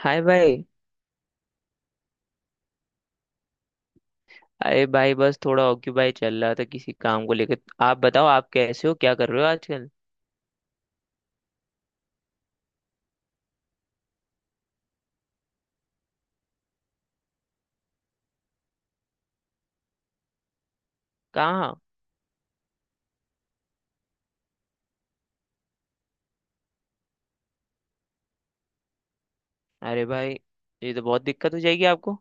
हाय भाई। अरे भाई, बस थोड़ा ऑक्यूपाई चल रहा था किसी काम को लेकर। आप बताओ, आप कैसे हो, क्या कर रहे हो आजकल? कहाँ? अरे भाई, ये तो बहुत दिक्कत हो जाएगी आपको।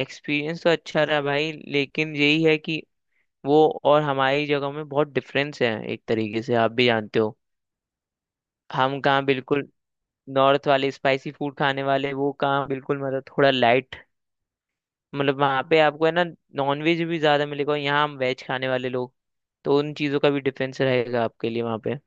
एक्सपीरियंस तो अच्छा रहा भाई, लेकिन यही है कि वो और हमारी जगह में बहुत डिफरेंस है, एक तरीके से आप भी जानते हो। हम कहाँ बिल्कुल नॉर्थ वाले स्पाइसी फूड खाने वाले, वो कहाँ बिल्कुल, मतलब थोड़ा लाइट। मतलब वहाँ पे आपको है ना, नॉन वेज भी ज़्यादा मिलेगा और यहाँ हम वेज खाने वाले लोग। तो उन चीज़ों का भी डिफरेंस रहेगा आपके लिए वहाँ पे।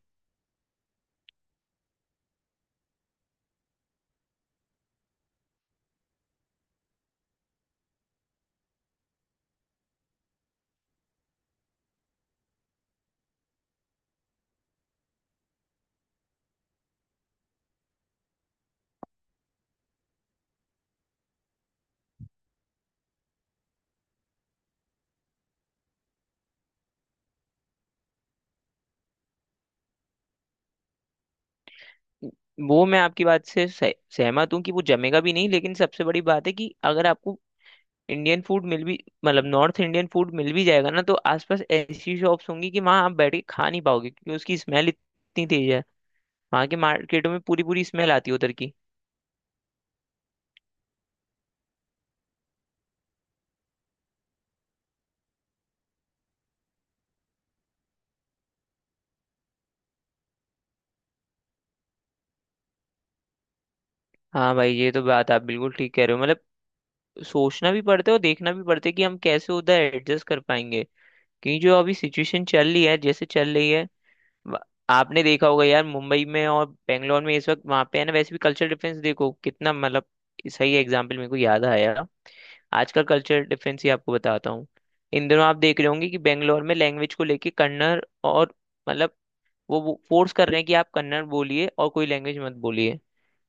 वो मैं आपकी बात से सहमत हूँ कि वो जमेगा भी नहीं, लेकिन सबसे बड़ी बात है कि अगर आपको इंडियन फूड मिल भी, मतलब नॉर्थ इंडियन फूड मिल भी जाएगा ना, तो आसपास ऐसी शॉप्स होंगी कि वहाँ आप बैठ के खा नहीं पाओगे, क्योंकि उसकी स्मेल इतनी तेज है। वहाँ के मार्केटों में पूरी पूरी स्मेल आती है उधर की। हाँ भाई, ये तो बात आप बिल्कुल ठीक कह रहे हो। मतलब सोचना भी पड़ता है और देखना भी पड़ता है कि हम कैसे उधर एडजस्ट कर पाएंगे, क्योंकि जो अभी सिचुएशन चल रही है जैसे चल रही है। व- आपने देखा होगा यार, मुंबई में और बेंगलोर में इस वक्त वहां पे है ना, वैसे भी कल्चर डिफरेंस देखो कितना, मतलब सही एग्जाम्पल मेरे को याद आया। आजकल कल्चर डिफरेंस ही आपको बताता हूँ। इन दिनों आप देख रहे होंगे कि बेंगलोर में लैंग्वेज को लेके कन्नड़, और, मतलब, वो फोर्स कर रहे हैं कि आप कन्नड़ बोलिए और कोई लैंग्वेज मत बोलिए।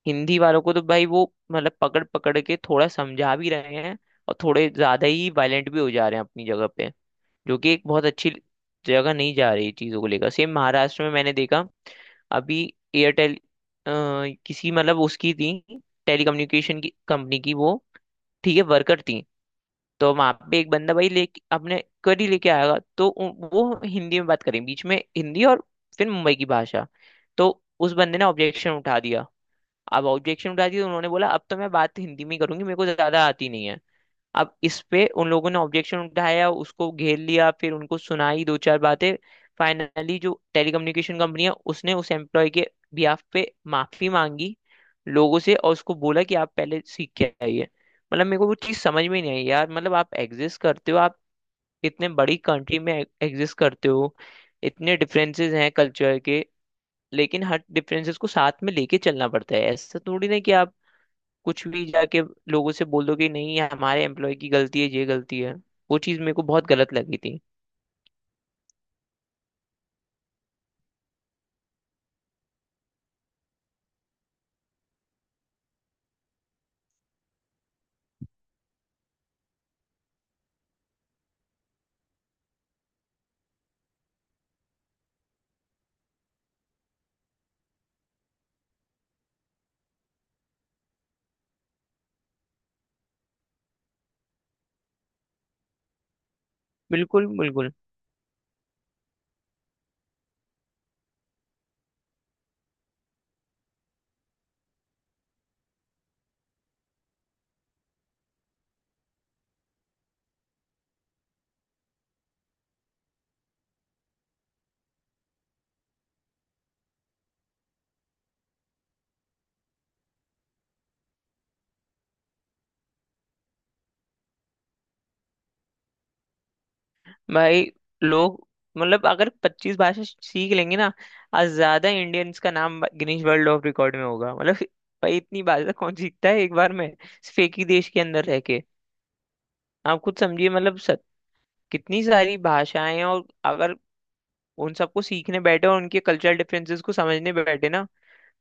हिंदी वालों को तो भाई वो मतलब पकड़ पकड़ के थोड़ा समझा भी रहे हैं, और थोड़े ज्यादा ही वायलेंट भी हो जा रहे हैं अपनी जगह पे, जो कि एक बहुत अच्छी जगह नहीं जा रही चीज़ों को लेकर। सेम महाराष्ट्र में मैंने देखा अभी, एयरटेल किसी मतलब उसकी थी, टेलीकम्युनिकेशन की कंपनी की वो, ठीक है, वर्कर थी। तो वहां पे एक बंदा भाई लेके अपने करी लेके आएगा, तो वो हिंदी में बात करें, बीच में हिंदी और फिर मुंबई की भाषा। तो उस बंदे ने ऑब्जेक्शन उठा दिया। अब ऑब्जेक्शन उठा दिया तो उन्होंने बोला अब तो मैं बात हिंदी में ही करूंगी, मेरे को ज्यादा आती नहीं है। अब इस पे उन लोगों ने ऑब्जेक्शन उठाया, उसको घेर लिया, फिर उनको सुनाई दो चार बातें। फाइनली जो टेलीकम्युनिकेशन कंपनी है, उसने उस एम्प्लॉय के बिहाफ पे माफी मांगी लोगों से, और उसको बोला कि आप पहले सीख के आइए। मतलब मेरे को वो चीज़ समझ में नहीं आई यार। मतलब आप एग्जिस्ट करते हो, आप इतने बड़ी कंट्री में एग्जिस्ट करते हो, इतने डिफरेंसेस हैं कल्चर के, लेकिन हर डिफरेंसेस को साथ में लेके चलना पड़ता है। ऐसा थोड़ी ना कि आप कुछ भी जाके लोगों से बोल दो कि नहीं, ये हमारे एम्प्लॉय की गलती है, ये गलती है। वो चीज़ मेरे को बहुत गलत लगी थी। बिल्कुल, बिल्कुल। भाई लोग, मतलब अगर 25 भाषा सीख लेंगे ना, आज ज्यादा इंडियंस का नाम गिनीज वर्ल्ड ऑफ रिकॉर्ड में होगा। मतलब भाई, इतनी भाषा कौन सीखता है एक बार में सिर्फ एक ही देश के अंदर रह के? आप खुद समझिए, मतलब कितनी सारी भाषाएं हैं, और अगर उन सबको सीखने बैठे और उनके कल्चरल डिफरेंसेस को समझने बैठे ना,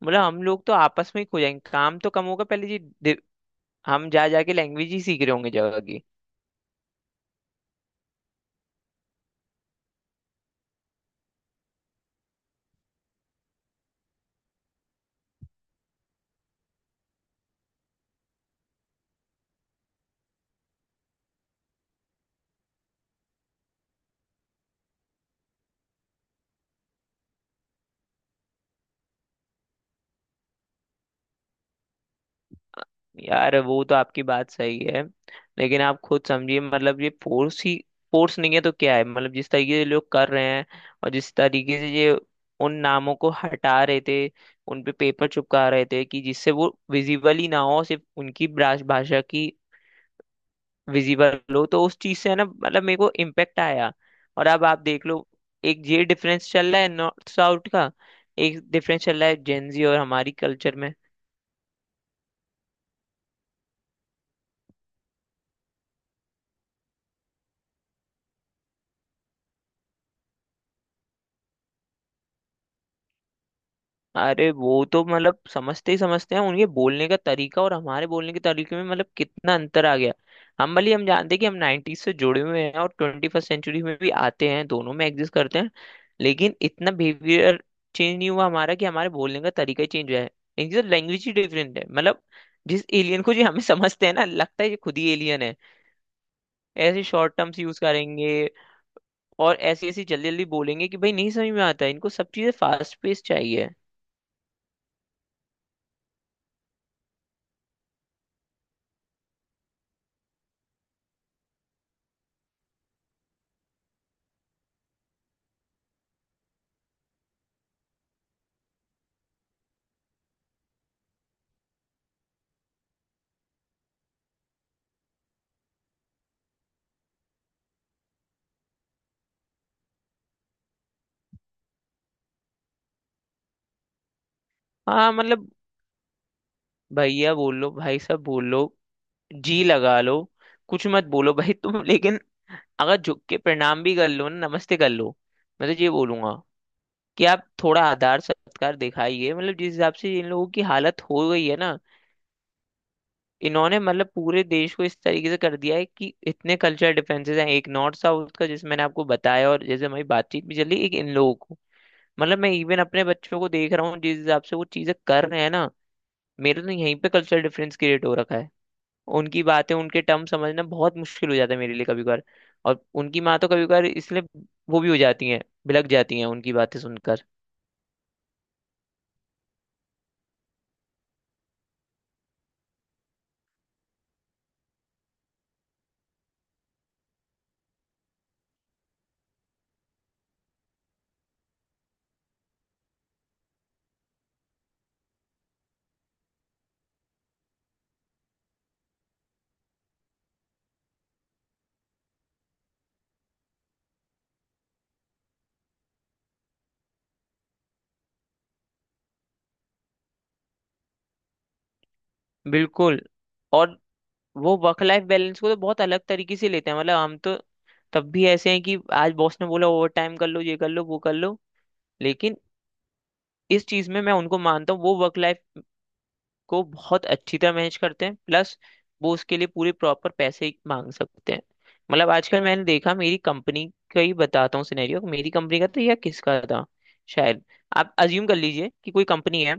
मतलब हम लोग तो आपस में ही खो जाएंगे, काम तो कम होगा पहले जी। हम जा जाके लैंग्वेज ही सीख रहे होंगे जगह की। यार वो तो आपकी बात सही है, लेकिन आप खुद समझिए, मतलब ये फोर्स ही, फोर्स नहीं है तो क्या है? मतलब जिस तरीके से लोग कर रहे हैं, और जिस तरीके से ये उन नामों को हटा रहे थे, उन पे पेपर चिपका रहे थे कि जिससे वो विजिबल ही ना हो, सिर्फ उनकी भाषा की विजिबल हो, तो उस चीज से है ना, मतलब मेरे को इम्पेक्ट आया। और अब आप देख लो, एक ये डिफरेंस चल रहा है नॉर्थ साउथ का, एक डिफरेंस चल रहा है जेंजी और हमारी कल्चर में। अरे वो तो मतलब समझते ही समझते हैं। उनके बोलने का तरीका और हमारे बोलने के तरीके में मतलब कितना अंतर आ गया। हम भले ही हम जानते हैं कि हम 90s से जुड़े हुए हैं और 21st सेंचुरी में भी आते हैं, दोनों में एग्जिस्ट करते हैं, लेकिन इतना बिहेवियर चेंज नहीं हुआ हमारा, कि हमारे बोलने का तरीका ही चेंज हुआ है। इनकी तो लैंग्वेज ही डिफरेंट है, मतलब जिस एलियन को जी हमें समझते हैं ना, लगता है ये खुद ही एलियन है। ऐसे शॉर्ट टर्म्स यूज करेंगे, और ऐसी ऐसी जल्दी जल्दी बोलेंगे कि भाई नहीं समझ में आता है। इनको सब चीजें फास्ट पेस चाहिए। हाँ मतलब, भैया बोलो, भाई साहब बोलो, जी लगा लो, कुछ मत बोलो भाई तुम, लेकिन अगर झुक के प्रणाम भी कर लो ना, नमस्ते कर लो। मैं तो ये बोलूंगा कि आप थोड़ा आदर सत्कार दिखाइए। मतलब जिस हिसाब से इन लोगों की हालत हो गई है ना, इन्होंने मतलब पूरे देश को इस तरीके से कर दिया है, कि इतने कल्चरल डिफरेंसेस हैं, एक नॉर्थ साउथ का जिस मैंने आपको बताया, और जैसे हमारी बातचीत भी चली, एक इन लोगों को। मतलब मैं इवन अपने बच्चों को देख रहा हूँ जिस हिसाब से वो चीजें कर रहे हैं ना, मेरे तो यहीं पे कल्चरल डिफरेंस क्रिएट हो रखा है। उनकी बातें, उनके टर्म समझना बहुत मुश्किल हो जाता है मेरे लिए कभी कभार। और उनकी माँ तो कभी कभार इसलिए वो भी हो जाती हैं, भिलक जाती हैं उनकी बातें सुनकर। बिल्कुल। और वो वर्क लाइफ बैलेंस को तो बहुत अलग तरीके से लेते हैं। मतलब हम तो तब भी ऐसे हैं कि आज बॉस ने बोला ओवर टाइम कर लो, ये कर लो, वो कर लो, लेकिन इस चीज में मैं उनको मानता हूँ, वो वर्क लाइफ को बहुत अच्छी तरह मैनेज करते हैं। प्लस वो उसके लिए पूरे प्रॉपर पैसे मांग सकते हैं। मतलब आजकल मैंने देखा, मेरी कंपनी का ही बताता हूँ सिनेरियो, मेरी कंपनी का था या किसका था शायद। आप अज्यूम कर लीजिए कि कोई कंपनी है,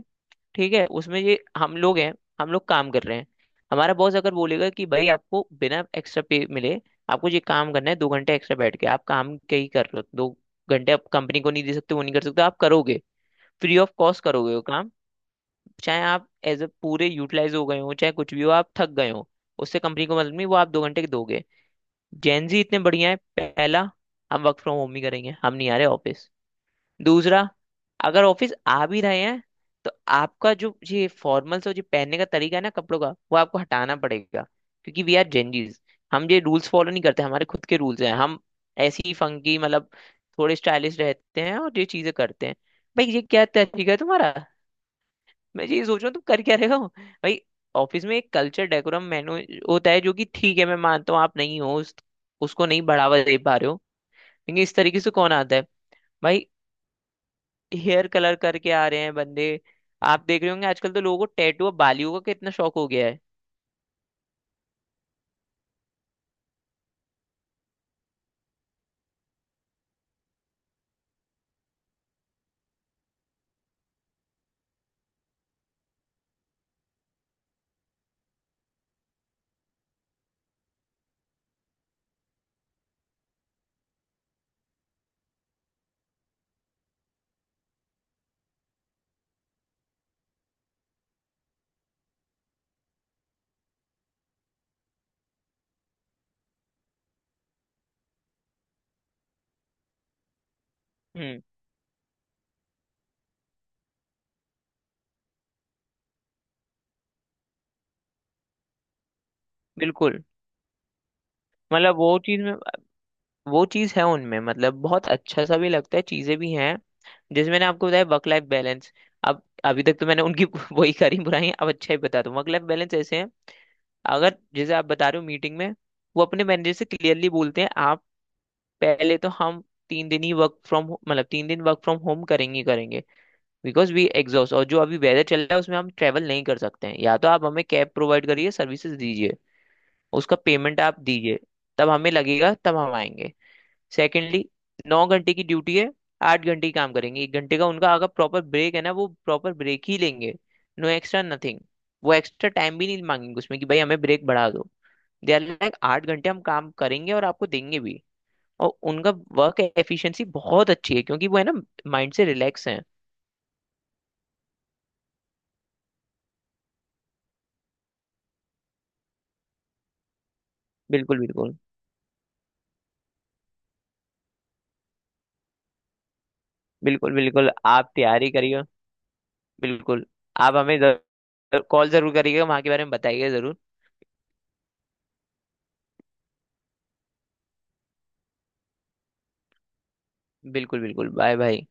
ठीक है, उसमें ये हम लोग हैं, हम लोग काम कर रहे हैं। हमारा बॉस अगर बोलेगा कि भाई आपको बिना एक्स्ट्रा पे मिले आपको ये काम करना है, 2 घंटे एक्स्ट्रा बैठ के, आप काम क्या ही कर रहे हो, 2 घंटे आप कंपनी को नहीं दे सकते? वो नहीं कर सकते। आप करोगे, फ्री ऑफ कॉस्ट करोगे वो काम। चाहे आप एज अ पूरे यूटिलाइज हो गए हो, चाहे कुछ भी हो, आप थक गए हो, उससे कंपनी को मतलब नहीं, वो आप 2 घंटे के दोगे। जेनजी इतने बढ़िया है, पहला, हम वर्क फ्रॉम होम ही करेंगे, हम नहीं आ रहे ऑफिस। दूसरा, अगर ऑफिस आ भी रहे हैं, तो आपका जो ये फॉर्मल्स और जो पहनने का तरीका है ना कपड़ों का, वो आपको हटाना पड़ेगा, क्योंकि वी आर जेनजीज। हम ये रूल्स फॉलो नहीं करते, हमारे खुद के रूल्स हैं, हम ऐसे ही फंकी, मतलब थोड़े स्टाइलिश रहते हैं और ये चीजें करते हैं। भाई ये क्या तरीका है तुम्हारा? मैं यही सोच रहा हूँ तुम कर क्या रहे हो भाई? ऑफिस में एक कल्चर डेकोरम मेनू होता है जो कि, ठीक है मैं मानता हूँ आप नहीं हो, उसको नहीं बढ़ावा दे पा रहे हो, लेकिन इस तरीके से कौन आता है भाई? हेयर कलर करके आ रहे हैं बंदे। आप देख रहे होंगे आजकल तो लोगों को टैटू और बालियों का कितना शौक हो गया है। हम्म। बिल्कुल, मतलब वो चीज में, वो चीज है उनमें, मतलब बहुत अच्छा सा भी लगता है, चीजें भी हैं। जैसे मैंने आपको बताया वर्क लाइफ बैलेंस, अब अभी तक तो मैंने उनकी वही करी बुराई, अब अच्छा ही बता दूं। वर्क लाइफ बैलेंस ऐसे है, अगर जैसे आप बता रहे हो मीटिंग में, वो अपने मैनेजर से क्लियरली बोलते हैं। आप पहले तो हम 3 दिन वर्क फ्रॉम होम करेंगे ही करेंगे। बिकॉज वी एग्जॉस्ट, और जो अभी वेदर चल रहा है उसमें हम ट्रैवल नहीं कर सकते हैं, या तो आप हमें कैब प्रोवाइड करिए, सर्विसेज दीजिए, उसका पेमेंट आप दीजिए। तब हमें लगेगा, तब हम आएंगे। सेकेंडली, 9 घंटे की ड्यूटी है, 8 घंटे ही काम करेंगे। 1 घंटे का उनका अगर प्रॉपर ब्रेक है ना, वो प्रॉपर ब्रेक ही लेंगे। No extra nothing. वो एक्स्ट्रा टाइम भी नहीं मांगेंगे उसमें कि भाई हमें ब्रेक बढ़ा दो। दे आर लाइक 8 घंटे हम काम करेंगे और आपको देंगे भी। और उनका वर्क एफिशिएंसी बहुत अच्छी है, क्योंकि वो है ना, माइंड से रिलैक्स हैं। बिल्कुल, बिल्कुल। बिल्कुल बिल्कुल। आप तैयारी करिएगा। बिल्कुल। आप हमें कॉल जरूर करिएगा, वहाँ के बारे में बताइएगा जरूर। बिल्कुल बिल्कुल। Bye bye.